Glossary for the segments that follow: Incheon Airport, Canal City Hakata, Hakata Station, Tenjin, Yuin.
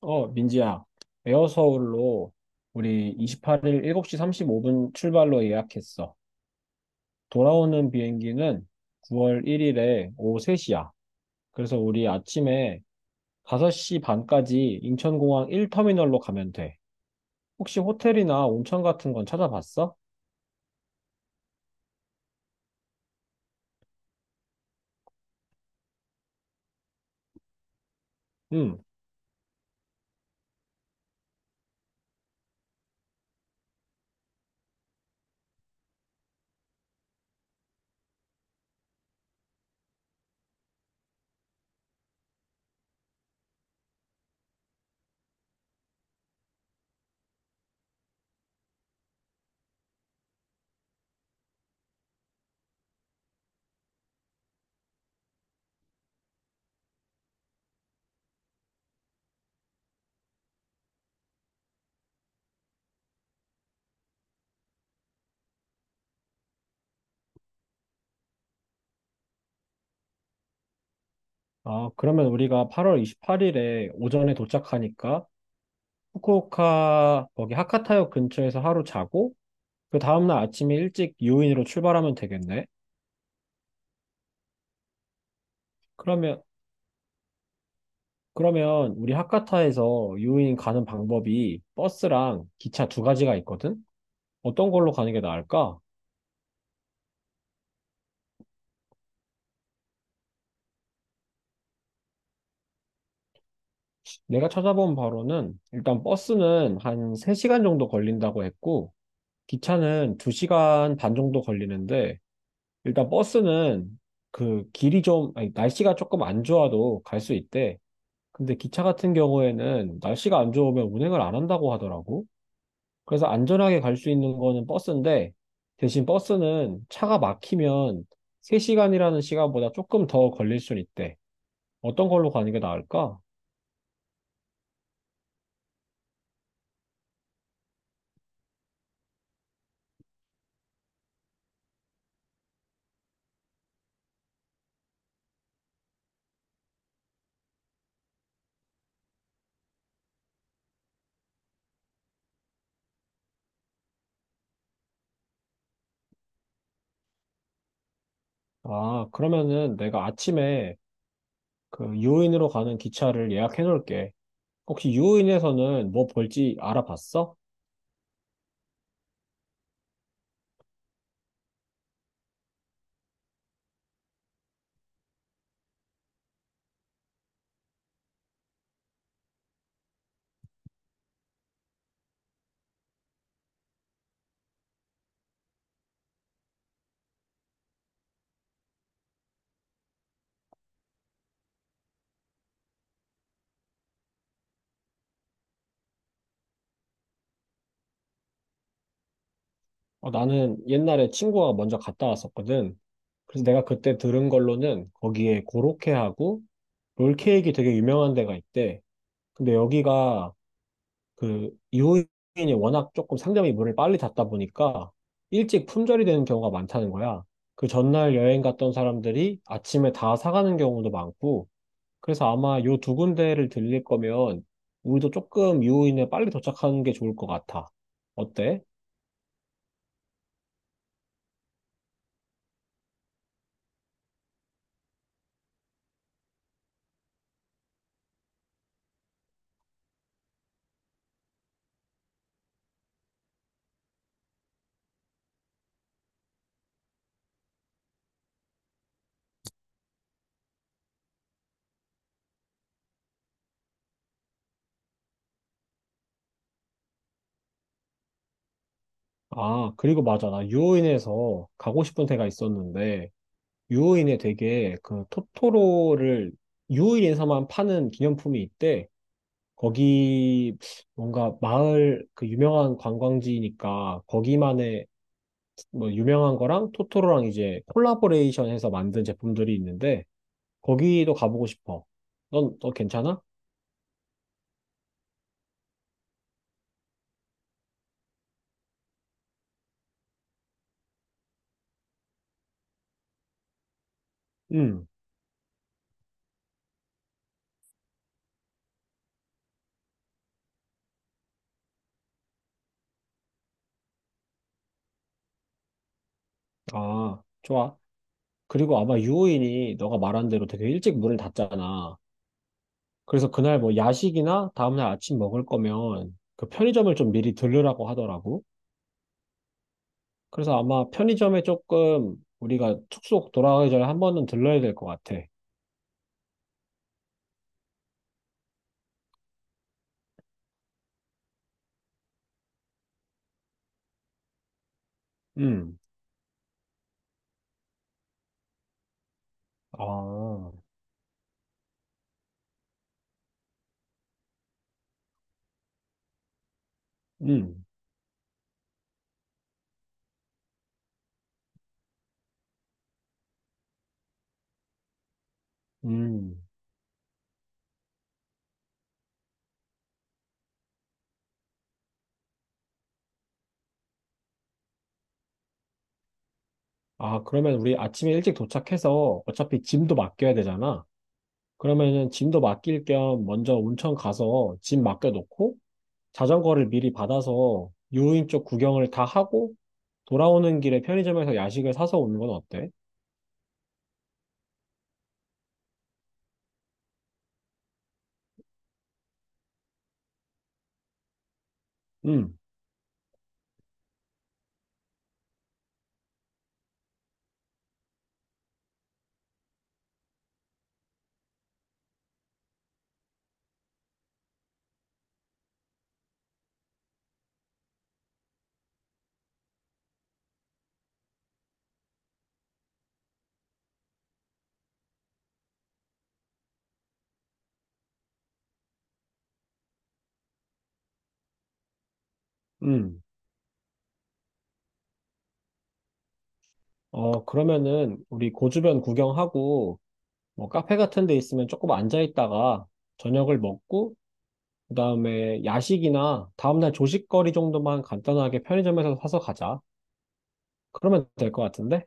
어, 민지야, 에어서울로 우리 28일 7시 35분 출발로 예약했어. 돌아오는 비행기는 9월 1일에 오후 3시야. 그래서 우리 아침에 5시 반까지 인천공항 1터미널로 가면 돼. 혹시 호텔이나 온천 같은 건 찾아봤어? 응. 아, 그러면 우리가 8월 28일에 오전에 도착하니까 후쿠오카 거기 하카타역 근처에서 하루 자고 그 다음날 아침에 일찍 유인으로 출발하면 되겠네. 그러면 그러면 우리 하카타에서 유인 가는 방법이 버스랑 기차 두 가지가 있거든? 어떤 걸로 가는 게 나을까? 내가 찾아본 바로는 일단 버스는 한 3시간 정도 걸린다고 했고, 기차는 2시간 반 정도 걸리는데, 일단 버스는 그 길이 좀, 아니, 날씨가 조금 안 좋아도 갈 수 있대. 근데 기차 같은 경우에는 날씨가 안 좋으면 운행을 안 한다고 하더라고. 그래서 안전하게 갈 수 있는 거는 버스인데, 대신 버스는 차가 막히면 3시간이라는 시간보다 조금 더 걸릴 수 있대. 어떤 걸로 가는 게 나을까? 아, 그러면은 내가 아침에 그 유인으로 가는 기차를 예약해 놓을게. 혹시 유인에서는 뭐 볼지 알아봤어? 어, 나는 옛날에 친구가 먼저 갔다 왔었거든. 그래서 내가 그때 들은 걸로는 거기에 고로케하고 롤케이크 되게 유명한 데가 있대. 근데 여기가 그 이호인이 워낙 조금 상점이 물을 빨리 닫다 보니까 일찍 품절이 되는 경우가 많다는 거야. 그 전날 여행 갔던 사람들이 아침에 다 사가는 경우도 많고, 그래서 아마 요 두 군데를 들릴 거면 우리도 조금 유호인에 빨리 도착하는 게 좋을 것 같아. 어때? 아, 그리고 맞아. 나 유호인에서 가고 싶은 데가 있었는데, 유호인에 되게 그 토토로를 유호인에서만 파는 기념품이 있대. 거기 뭔가 마을 그 유명한 관광지니까 거기만의 뭐 유명한 거랑 토토로랑 이제 콜라보레이션 해서 만든 제품들이 있는데 거기도 가보고 싶어. 너 괜찮아? 응. 아, 좋아. 그리고 아마 유호인이 너가 말한 대로 되게 일찍 문을 닫잖아. 그래서 그날 뭐 야식이나 다음날 아침 먹을 거면 그 편의점을 좀 미리 들르라고 하더라고. 그래서 아마 편의점에 조금 우리가 숙소 돌아가기 전에 한 번은 들러야 될 것 같아. 음. 아, 음, 음. 아, 그러면 우리 아침에 일찍 도착해서 어차피 짐도 맡겨야 되잖아. 그러면은 짐도 맡길 겸 먼저 온천 가서 짐 맡겨놓고 자전거를 미리 받아서 유인 쪽 구경을 다 하고 돌아오는 길에 편의점에서 야식을 사서 오는 건 어때? 음, 음. 어, 그러면은 우리 고주변 구경하고 뭐 카페 같은 데 있으면 조금 앉아 있다가 저녁을 먹고 그다음에 야식이나 다음날 조식거리 정도만 간단하게 편의점에서 사서 가자. 그러면 될 것 같은데?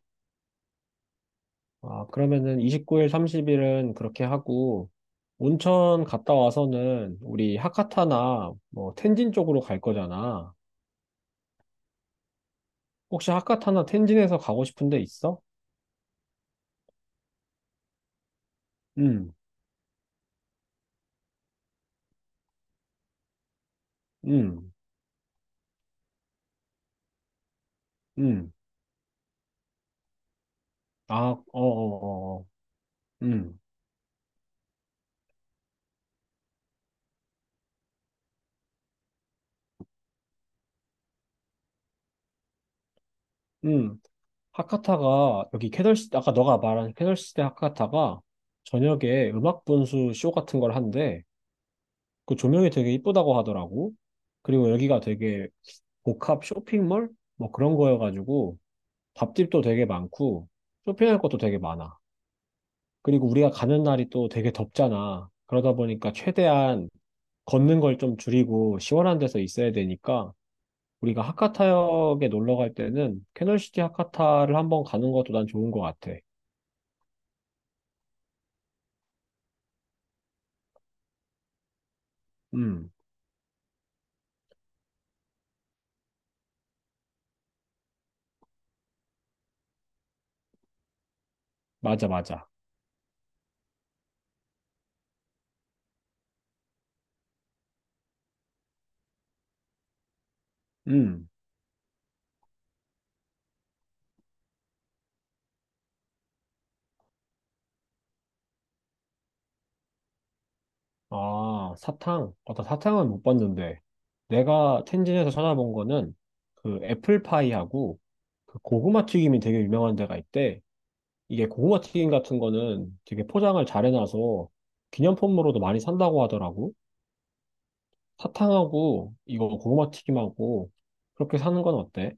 아, 그러면은 29일, 30일은 그렇게 하고 온천 갔다 와서는 우리 하카타나 뭐 텐진 쪽으로 갈 거잖아. 혹시 하카타나 텐진에서 가고 싶은 데 있어? 응. 응. 응. 아, 어, 어, 어. 어. 응응 하카타가 여기 캐널시 아까 너가 말한 캐널시대 하카타가 저녁에 음악 분수 쇼 같은 걸 한대. 그 조명이 되게 이쁘다고 하더라고. 그리고 여기가 되게 복합 쇼핑몰? 뭐 그런 거여가지고 밥집도 되게 많고 쇼핑할 것도 되게 많아. 그리고 우리가 가는 날이 또 되게 덥잖아. 그러다 보니까 최대한 걷는 걸 좀 줄이고 시원한 데서 있어야 되니까 우리가 하카타역에 놀러 갈 때는 캐널시티 하카타를 한번 가는 것도 난 좋은 것 같아. 음, 맞아, 맞아. 음. 아, 사탕. 어, 나 사탕은 못 봤는데. 내가 텐진에서 찾아본 거는 그 애플파이하고 그 고구마 튀김이 되게 유명한 데가 있대. 이게 고구마 튀김 같은 거는 되게 포장을 잘 해놔서 기념품으로도 많이 산다고 하더라고. 사탕하고 이거 고구마 튀김하고 그렇게 사는 건 어때?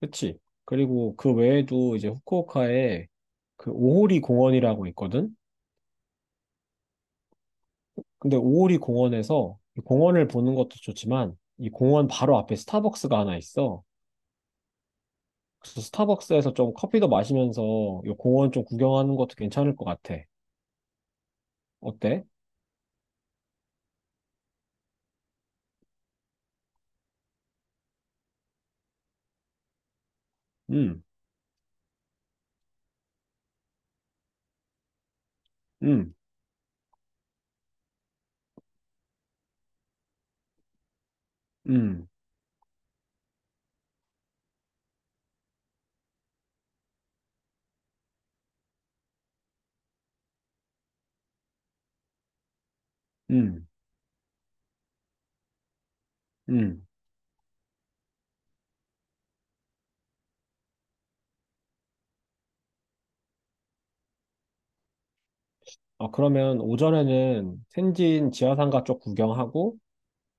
그치? 그리고 그 외에도 이제 후쿠오카에 그 오호리 공원이라고 있거든? 근데 오오리 공원에서 이 공원을 보는 것도 좋지만 이 공원 바로 앞에 스타벅스가 하나 있어. 그래서 스타벅스에서 좀 커피도 마시면서 이 공원 좀 구경하는 것도 괜찮을 것 같아. 어때? 음, 음, 음, 음, 음. 아, 그러면 오전에는 텐진 지하상가 쪽 구경하고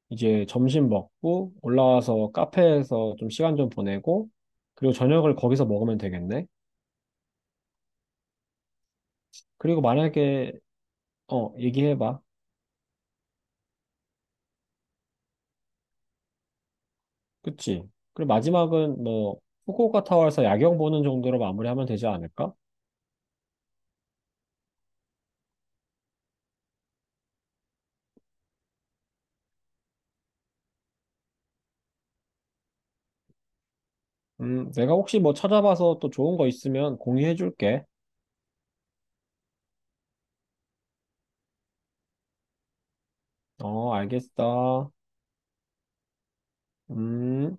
이제 점심 먹고 올라와서 카페에서 좀 시간 좀 보내고 그리고 저녁을 거기서 먹으면 되겠네. 그리고 만약에 어, 얘기해봐. 그치. 그리고 마지막은 뭐, 후쿠오카 타워에서 야경 보는 정도로 마무리하면 되지 않을까? 내가 혹시 뭐 찾아봐서 또 좋은 거 있으면 공유해줄게. 어, 알겠어. 음.